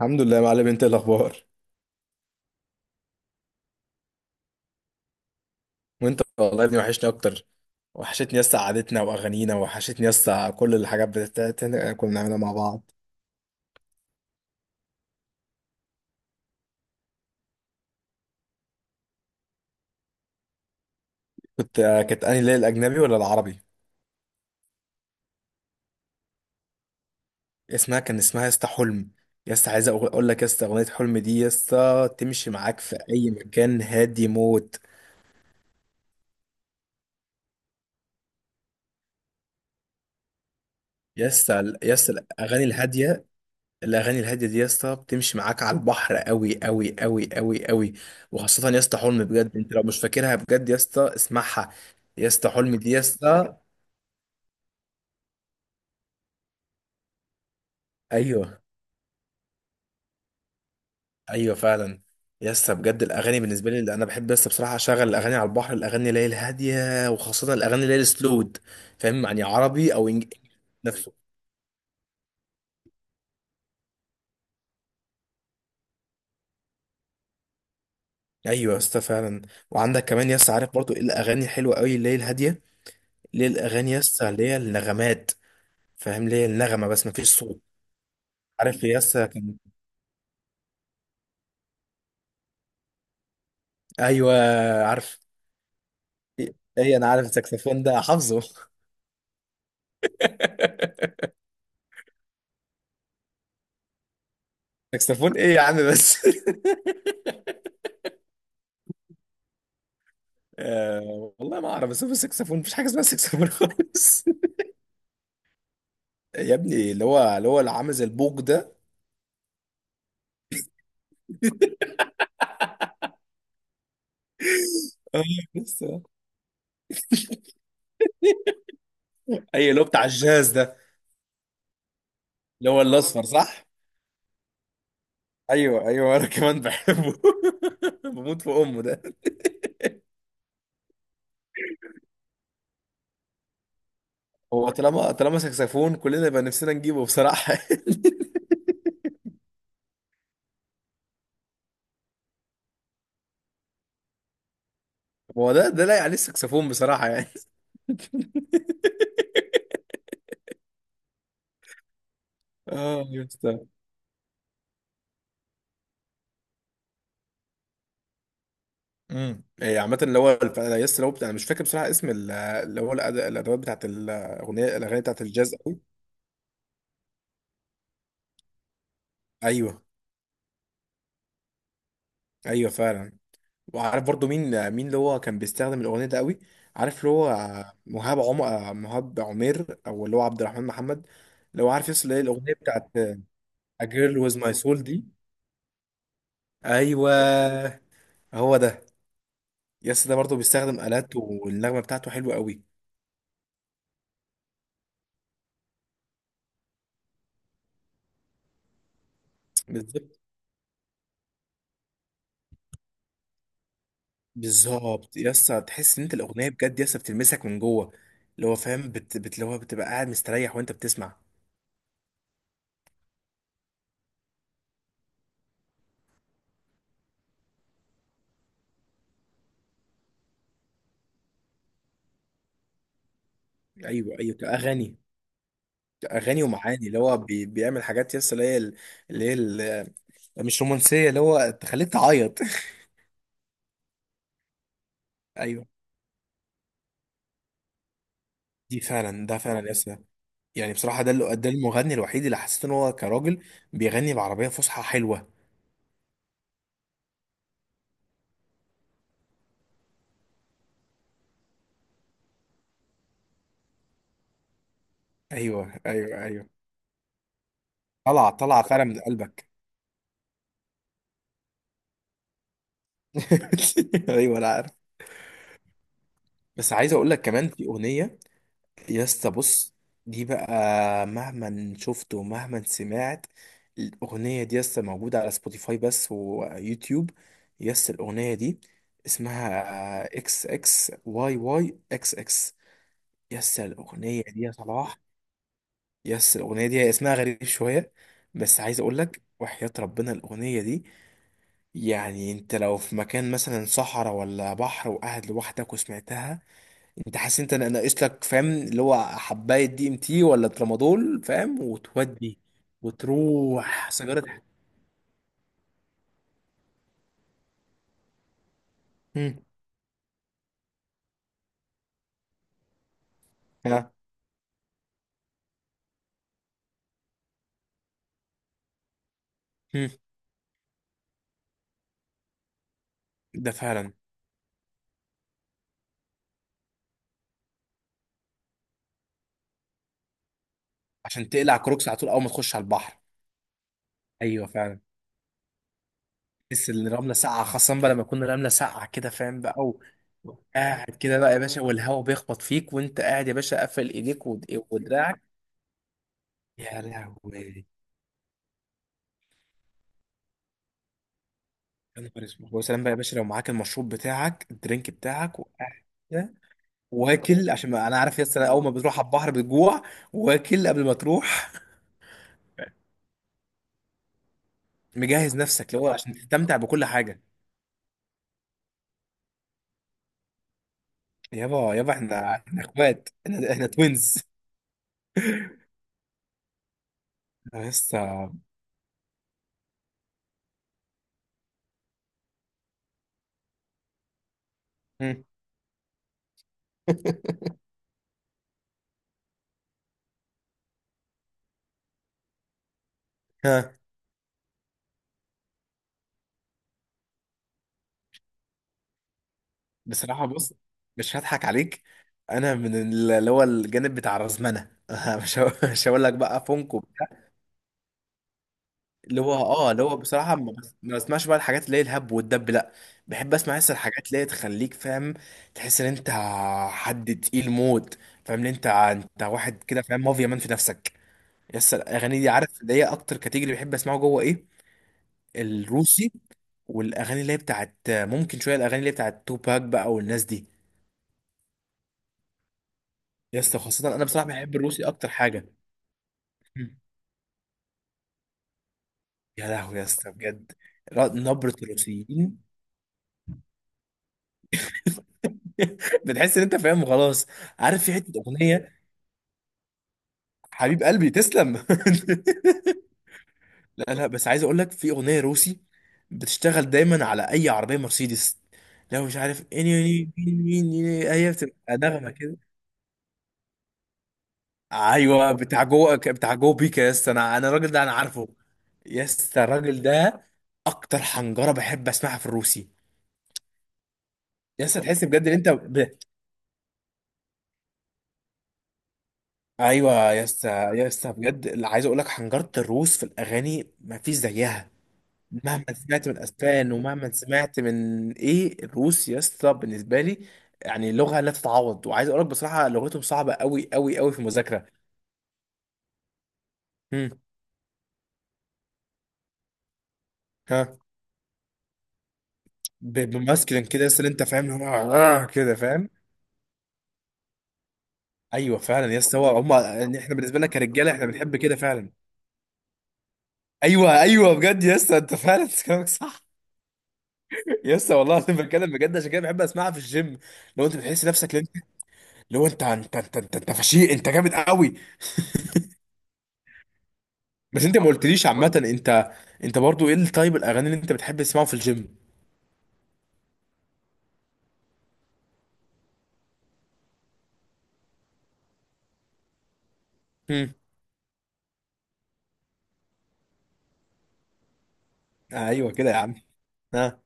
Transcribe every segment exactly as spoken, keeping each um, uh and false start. الحمد لله يا معلم، انت ايه الاخبار؟ وانت والله يا ابني، وحشني اكتر. وحشتني يسطا قعدتنا واغانينا. وحشتني يسطا كل الحاجات بتاعت كنا بنعملها مع بعض. كنت كانت انهي ليله، الاجنبي ولا العربي؟ اسمها كان اسمها يسطا حلم. يسطا عايز اقول اقول لك، يسطا اغنيه حلم دي يسطا تمشي معاك في اي مكان، هادي موت. يسطا يسطا الاغاني الهاديه. الاغاني الهاديه دي يا اسطى بتمشي معاك على البحر قوي قوي قوي قوي قوي. وخاصه يا اسطى حلم، بجد انت لو مش فاكرها بجد يا اسطى اسمعها. يا اسطى حلم دي يا اسطى. ايوه. ايوه فعلا. يا اسطى بجد الاغاني بالنسبه لي، اللي انا بحب يا اسطى بصراحه اشغل الاغاني على البحر، الاغاني اللي هي الهاديه، وخاصه الاغاني اللي هي السلود. فاهم يعني، عربي او انجليزي. نفسه. ايوه يا اسطى فعلا. وعندك كمان يا اسطى، عارف برضو ايه الاغاني الحلوه قوي اللي هي الهاديه؟ اللي هي الاغاني يا اسطى اللي هي النغمات، فاهم؟ ليه النغمه بس مفيش صوت. عارف يا اسطى كان. ايوه. عارف. ايه، انا عارف الساكسفون ده حافظه. ساكسفون ايه يا عم بس. آه والله ما اعرف، بس هو الساكسفون مفيش حاجه اسمها ساكسفون خالص. يا ابني اللي هو اللي هو اللي عامل زي البوق ده. آه، بس آه. اي، اللي هو بتاع الجاز ده. اللي هو الاصفر، صح. ايوه ايوه، انا كمان بحبه. بموت في امه ده. هو طالما طالما ساكسفون، كلنا يبقى نفسنا نجيبه بصراحه. هو ده ده لايق عليه الساكسفون بصراحه يعني. اه يا اسطى. امم إيه، عامة اللي هو الف- أنا يس لو بتاع، انا مش فاكر بصراحة اسم ال- اللي هو الأد- الادوات بتاعت الاغنية الاغاني بتاعت الجاز قوي. ايوه ايوه فعلا. وعارف برضو مين مين اللي هو كان بيستخدم الاغنية ده قوي؟ عارف اللي هو مهاب عمر مهاب عمير، او اللي هو عبد الرحمن محمد. اللي هو عارف، يس، اللي هي الاغنية بتاعت A Girl With My Soul دي. ايوه. هو ده. يس، ده برضو بيستخدم آلات، والنغمة بتاعته حلوة قوي. بالظبط يا اسطى، تحس ان انت الاغنيه بجد يا اسطى بتلمسك من جوه. اللي هو فاهم، بت... بت... اللي هو بتبقى قاعد مستريح وانت بتسمع. ايوه ايوه، اغاني. اغاني ومعاني، اللي هو بي... بيعمل حاجات يا اسطى، اللي هي ال- اللي هي ال- مش رومانسيه، اللي هو تخليك تعيط. ايوه. دي فعلا، ده فعلا يا اسطى. يعني بصراحه، ده اللي ده المغني الوحيد اللي حسيت ان هو كراجل بيغني بعربيه فصحى حلوه. ايوه ايوه ايوه. طلع طلع فعلا من قلبك. ايوه انا عارف. بس عايز اقول لك كمان في اغنيه. يا اسطى بص، دي بقى، مهما شفت ومهما سمعت. الأغنية دي يا اسطى موجودة على سبوتيفاي بس ويوتيوب. يا اسطى الأغنية دي اسمها اكس اكس واي واي اكس اكس. يا اسطى الأغنية دي يا صلاح. يا اسطى الأغنية دي هي اسمها غريب شوية. بس عايز أقول لك، وحياة ربنا الأغنية دي، يعني أنت لو في مكان مثلا صحراء ولا بحر وقاعد لوحدك وسمعتها، انت حاسس انت ناقص لك، فاهم، اللي هو حبايه دي ام تي ولا ترامادول، فاهم، وتودي وتروح سيجاره. هم. ها. هم. ده فعلا. عشان تقلع كروكس على طول اول ما تخش على البحر. ايوه فعلا. تحس ان الرمله ساقعه، خاصه بقى لما تكون الرمله ساقعه كده، فاهم بقى، او قاعد كده بقى يا باشا، والهواء بيخبط فيك وانت قاعد يا باشا قافل ايديك ود- ودراعك. يا لهوي. يا نهار اسود، وسلام بقى يا باشا لو معاك المشروب بتاعك، الدرينك بتاعك وقاعد واكل، عشان ما انا عارف يا اسطى اول ما بتروح على البحر بتجوع. واكل قبل ما تروح، مجهز نفسك، اللي هو عشان تستمتع بكل حاجه. يابا يابا، احنا احنا اخوات، احنا احنا توينز. يا اسطى. مم. ها. بصراحه بص، مش هضحك عليك. انا من ال- اللي هو الجانب بتاع الرزمنه. مش هقول- مش هقول لك بقى فونكو. اللي هو اه اللي هو بصراحة ما بس- ما بسمعش بقى الحاجات اللي هي الهب والدب، لا. بحب اسمع لسه الحاجات اللي هي تخليك، فاهم، تحس ان انت حد تقيل موت، فاهم، ان انت انت واحد كده، فاهم، مافيا مان في نفسك. لسه الاغاني دي، عارف اللي هي اكتر كاتيجوري بحب اسمعه جوه ايه؟ الروسي. والاغاني اللي هي بتاعت ممكن شوية الاغاني اللي هي بتاعت توباك بقى والناس دي. لسه خاصة انا بصراحة بحب الروسي اكتر حاجة. مم. يا لهوي يا اسطى بجد. را- نبرة الروسيين. بتحس ان انت فاهم خلاص. عارف في حته اغنيه. حبيب قلبي تسلم. لا لا، بس عايز اقول لك في اغنيه روسي بتشتغل دايما على اي عربيه مرسيدس. لو مش عارف اني مين، مين مين- هي بتبقى نغمه كده. ايوه، بتاع جوه بتاع جوه بيكا يا اسطى، انا انا الراجل ده انا عارفه. يا اسطى الراجل ده اكتر حنجره بحب اسمعها في الروسي. يا اسطى تحس بجد ان انت ب... ايوه يا اسطى، يا اسطى بجد اللي عايز اقول لك، حنجره الروس في الاغاني ما فيش زيها. مهما سمعت من اسبان، ومهما سمعت من ايه الروس يا اسطى بالنسبه لي، يعني لغه لا تتعوض. وعايز اقول لك بصراحه لغتهم صعبه قوي قوي قوي في المذاكره. امم ها. ب- بماسكلين كده يا اسطى، اللي انت فاهم اللي هو آه آه، كده، فاهم. ايوه فعلا يا اسطى، هو هم يعني احنا بالنسبه لنا كرجاله احنا بنحب كده فعلا. ايوه ايوه بجد يا اسطى، انت فعلا كلامك صح. يا اسطى والله العظيم بتكلم بجد، عشان كده بحب اسمعها في الجيم. لو انت بتحس نفسك اللي انت- اللي هو انت انت انت انت, انت فشيء، انت جامد قوي. بس انت ما قلتليش عامة، انت انت برضو ايه التايب الاغاني اللي انت بتحب تسمعه في الجيم؟ هم. ايوه كده يا عم. ها.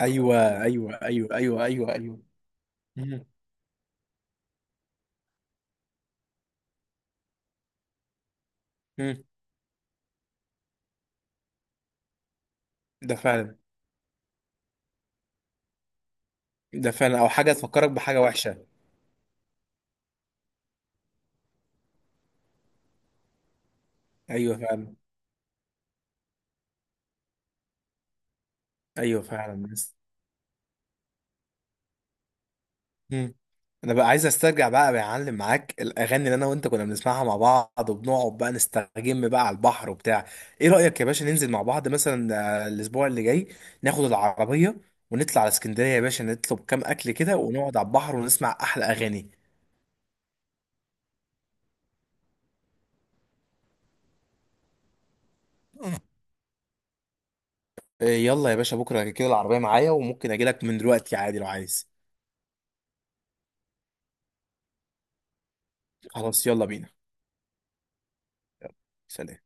ايوه ايوه ايوه ايوه ايوه ايوه. هم. هم. ده فعلا. ده فعلا، او حاجة تفكرك بحاجة وحشة. ايوه فعلا. ايوه فعلا. مم. انا بقى عايز استرجع بقى بعلم معاك الاغاني اللي انا وانت كنا بنسمعها مع بعض، وبنقعد بقى نستجم بقى على البحر وبتاع. ايه رايك يا باشا ننزل مع بعض مثلا آه، الاسبوع اللي جاي؟ ناخد العربيه ونطلع على اسكندريه يا باشا، نطلب كام اكل كده ونقعد على البحر ونسمع احلى اغاني. آه، يلا يا باشا بكره كده، العربيه معايا وممكن اجي لك من دلوقتي عادي لو عايز. خلاص يلا بينا. سلام.